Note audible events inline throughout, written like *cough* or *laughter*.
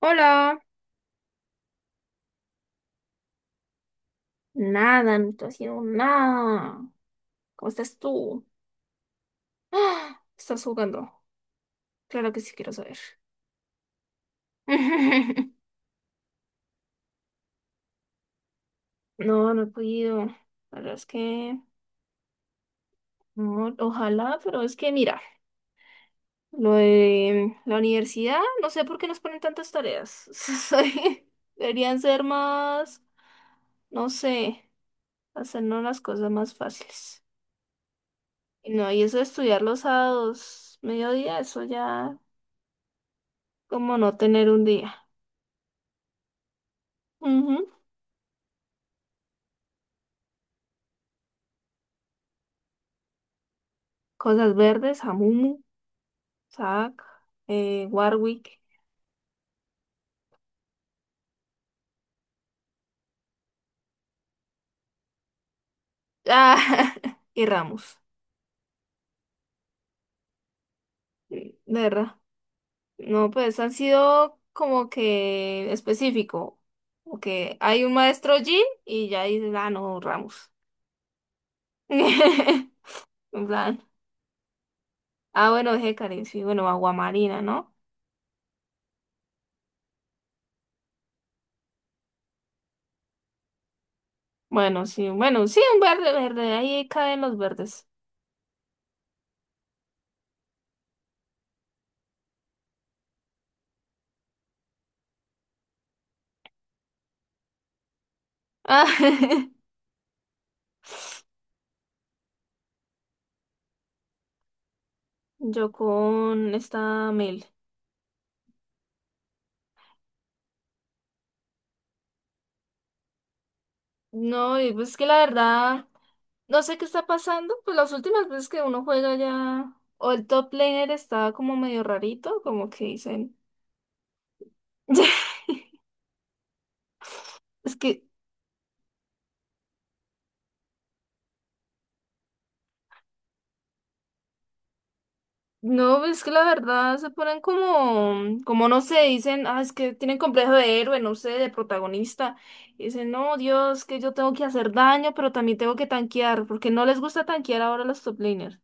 Hola, nada, no estoy haciendo nada. ¿Cómo estás tú? ¡Ah! ¿Estás jugando? Claro que sí quiero saber. *laughs* No, no he podido. La verdad es que no, ojalá, pero es que mira, lo de la universidad, no sé por qué nos ponen tantas tareas. *laughs* Deberían ser más, no sé, hacernos las cosas más fáciles. Y no, y eso de estudiar los sábados, mediodía, eso ya como no tener un día. Ujú. Cosas Verdes, Hamumu, Zack, Warwick, ah, *laughs* y Ramos. De verdad. No, pues han sido como que específico. Como que hay un maestro Jin y ya dices, ah, no, Ramos. *laughs* En plan. Ah, bueno, Hecarim, sí, bueno, Aguamarina, ¿no? Bueno, sí, bueno, sí, un verde, verde, ahí caen los verdes. Ah, *laughs* yo con esta Mel. No, y pues que la verdad. No sé qué está pasando, pues las últimas veces que uno juega ya, o el top laner estaba como medio rarito, como que dicen. *laughs* Es que, no, es que la verdad se ponen como no sé, dicen, ah, es que tienen complejo de héroe, no sé, de protagonista. Y dicen, no, Dios, que yo tengo que hacer daño, pero también tengo que tanquear, porque no les gusta tanquear ahora a los top laners.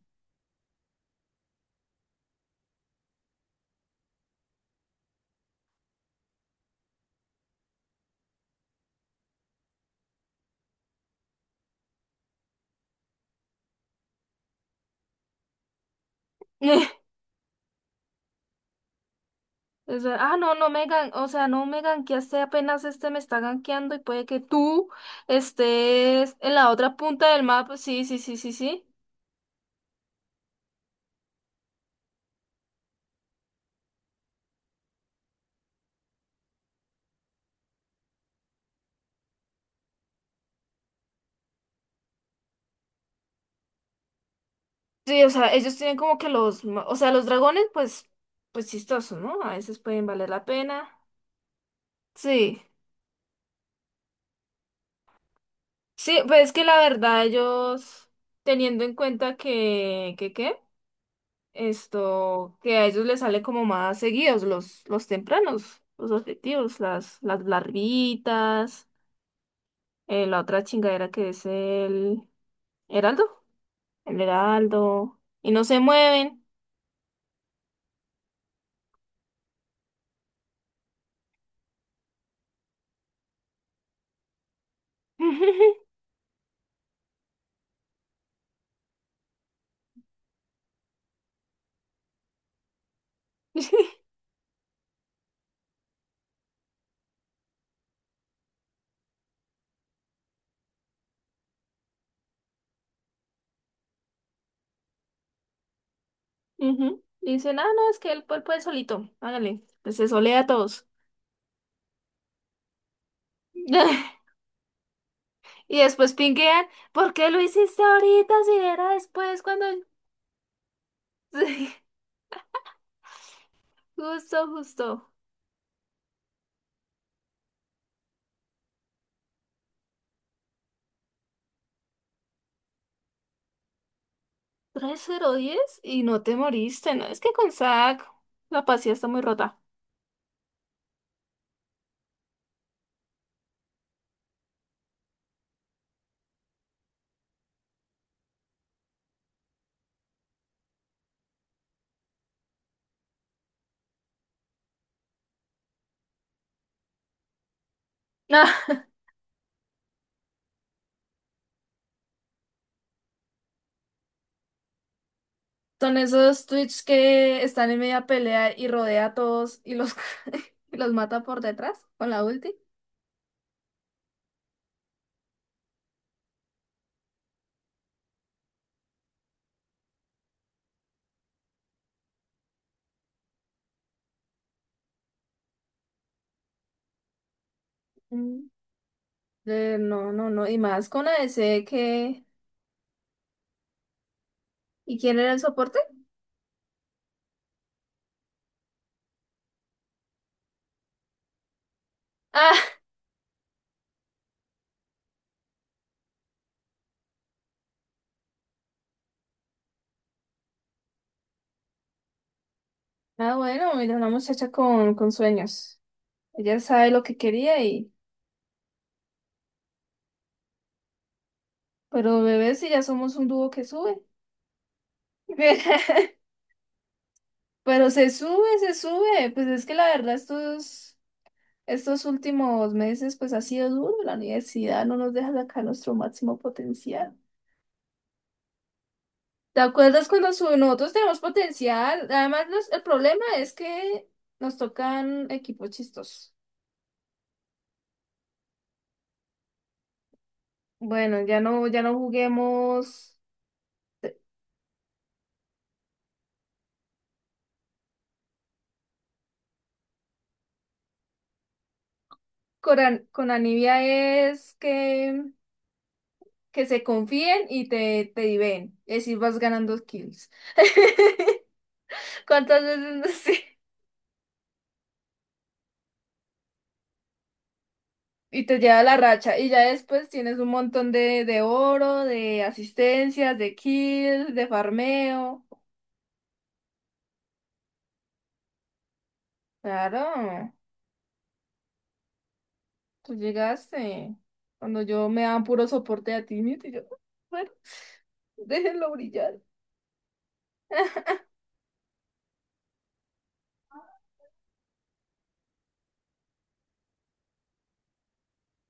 *laughs* O sea, ah, no, o sea, no me ganqueaste apenas este me está ganqueando y puede que tú estés en la otra punta del mapa. Sí, sí, sí, sí, sí. Sí, o sea, ellos tienen como que o sea, los dragones, pues chistosos, ¿no? A veces pueden valer la pena. Sí, sí, pues es que la verdad ellos, teniendo en cuenta que, ¿qué? Esto, que a ellos les sale como más seguidos los tempranos, los objetivos, las larvitas. La otra chingadera que es Heraldo, el Heraldo, y no se mueven. *laughs* Ujú. Y dicen, ah, no, es que él puede solito, hágale, pues se solea a todos. *laughs* Y después pinguean, ¿por qué lo hiciste ahorita si era después cuando... *laughs* Sí, justo, justo. 3/0/10 y no te moriste, ¿no? Es que con Zack la paciencia está muy rota. *laughs* Son esos Twitch que están en media pelea y rodea a todos y los, *laughs* y los mata por detrás con la ulti. Mm. No, no, no. Y más con A ADC que... ¿Y quién era el soporte? Ah, ah, bueno, mira, una muchacha con sueños. Ella sabe lo que quería y... Pero bebé, si ya somos un dúo que sube. *laughs* Pero se sube, se sube. Pues es que la verdad estos últimos meses pues ha sido duro. La universidad no nos deja sacar nuestro máximo potencial. ¿Te acuerdas cuando nosotros tenemos potencial? Además, el problema es que nos tocan equipos chistosos. Bueno, ya no, ya no juguemos. Con Anivia es que se confíen y te diven. Es decir, vas ganando kills. *laughs* ¿Cuántas veces? Sí. Y te lleva la racha. Y ya después tienes un montón de oro, de asistencias, de kills, de farmeo. Claro. Tú llegaste. Cuando yo me daba puro soporte a ti, y yo, bueno, *laughs* déjenlo brillar.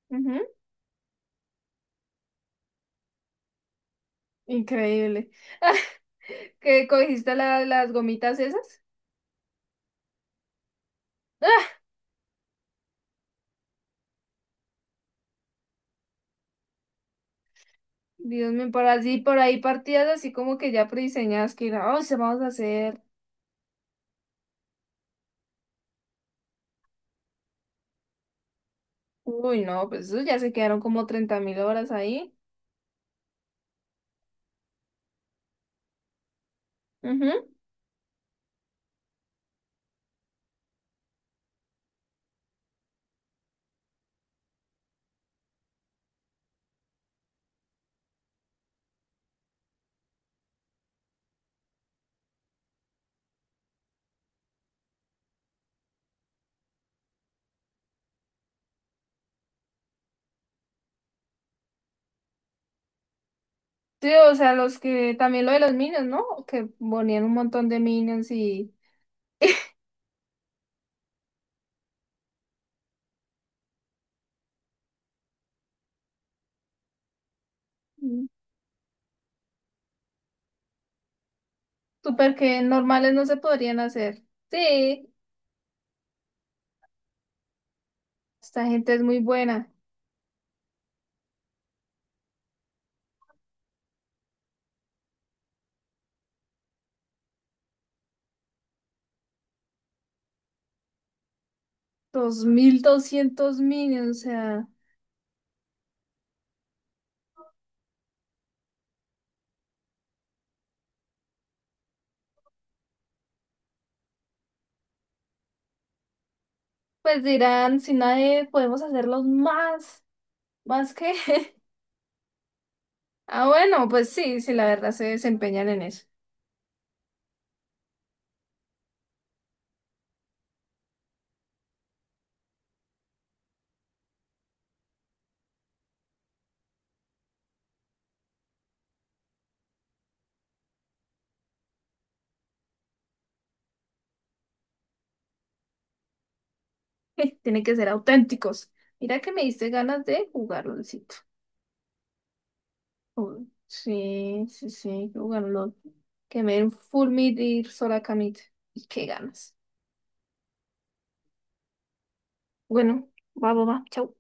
Ujú, increíble. *laughs* ¿Que cogiste las gomitas esas? *laughs* Dios mío, por ahí partidas así como que ya prediseñadas que era, oh, se vamos a hacer. Uy, no, pues eso ya se quedaron como 30.000 horas ahí. Ujú. Sí, o sea, los que también lo de los minions, ¿no? Que ponían un montón de minions y mm, super que normales no se podrían hacer. Sí. Esta gente es muy buena. 2.200 minions, o sea, pues dirán, si nadie podemos hacerlos más, más que. *laughs* Ah, bueno, pues sí, sí, la verdad se desempeñan en eso. *laughs* Tienen que ser auténticos. Mira que me diste ganas de jugar LOLcito. Oh, sí, sí, sí, jugar LOL. Que me den full mid y ir sola a camita. Y qué ganas. Bueno, va, va, va, chau.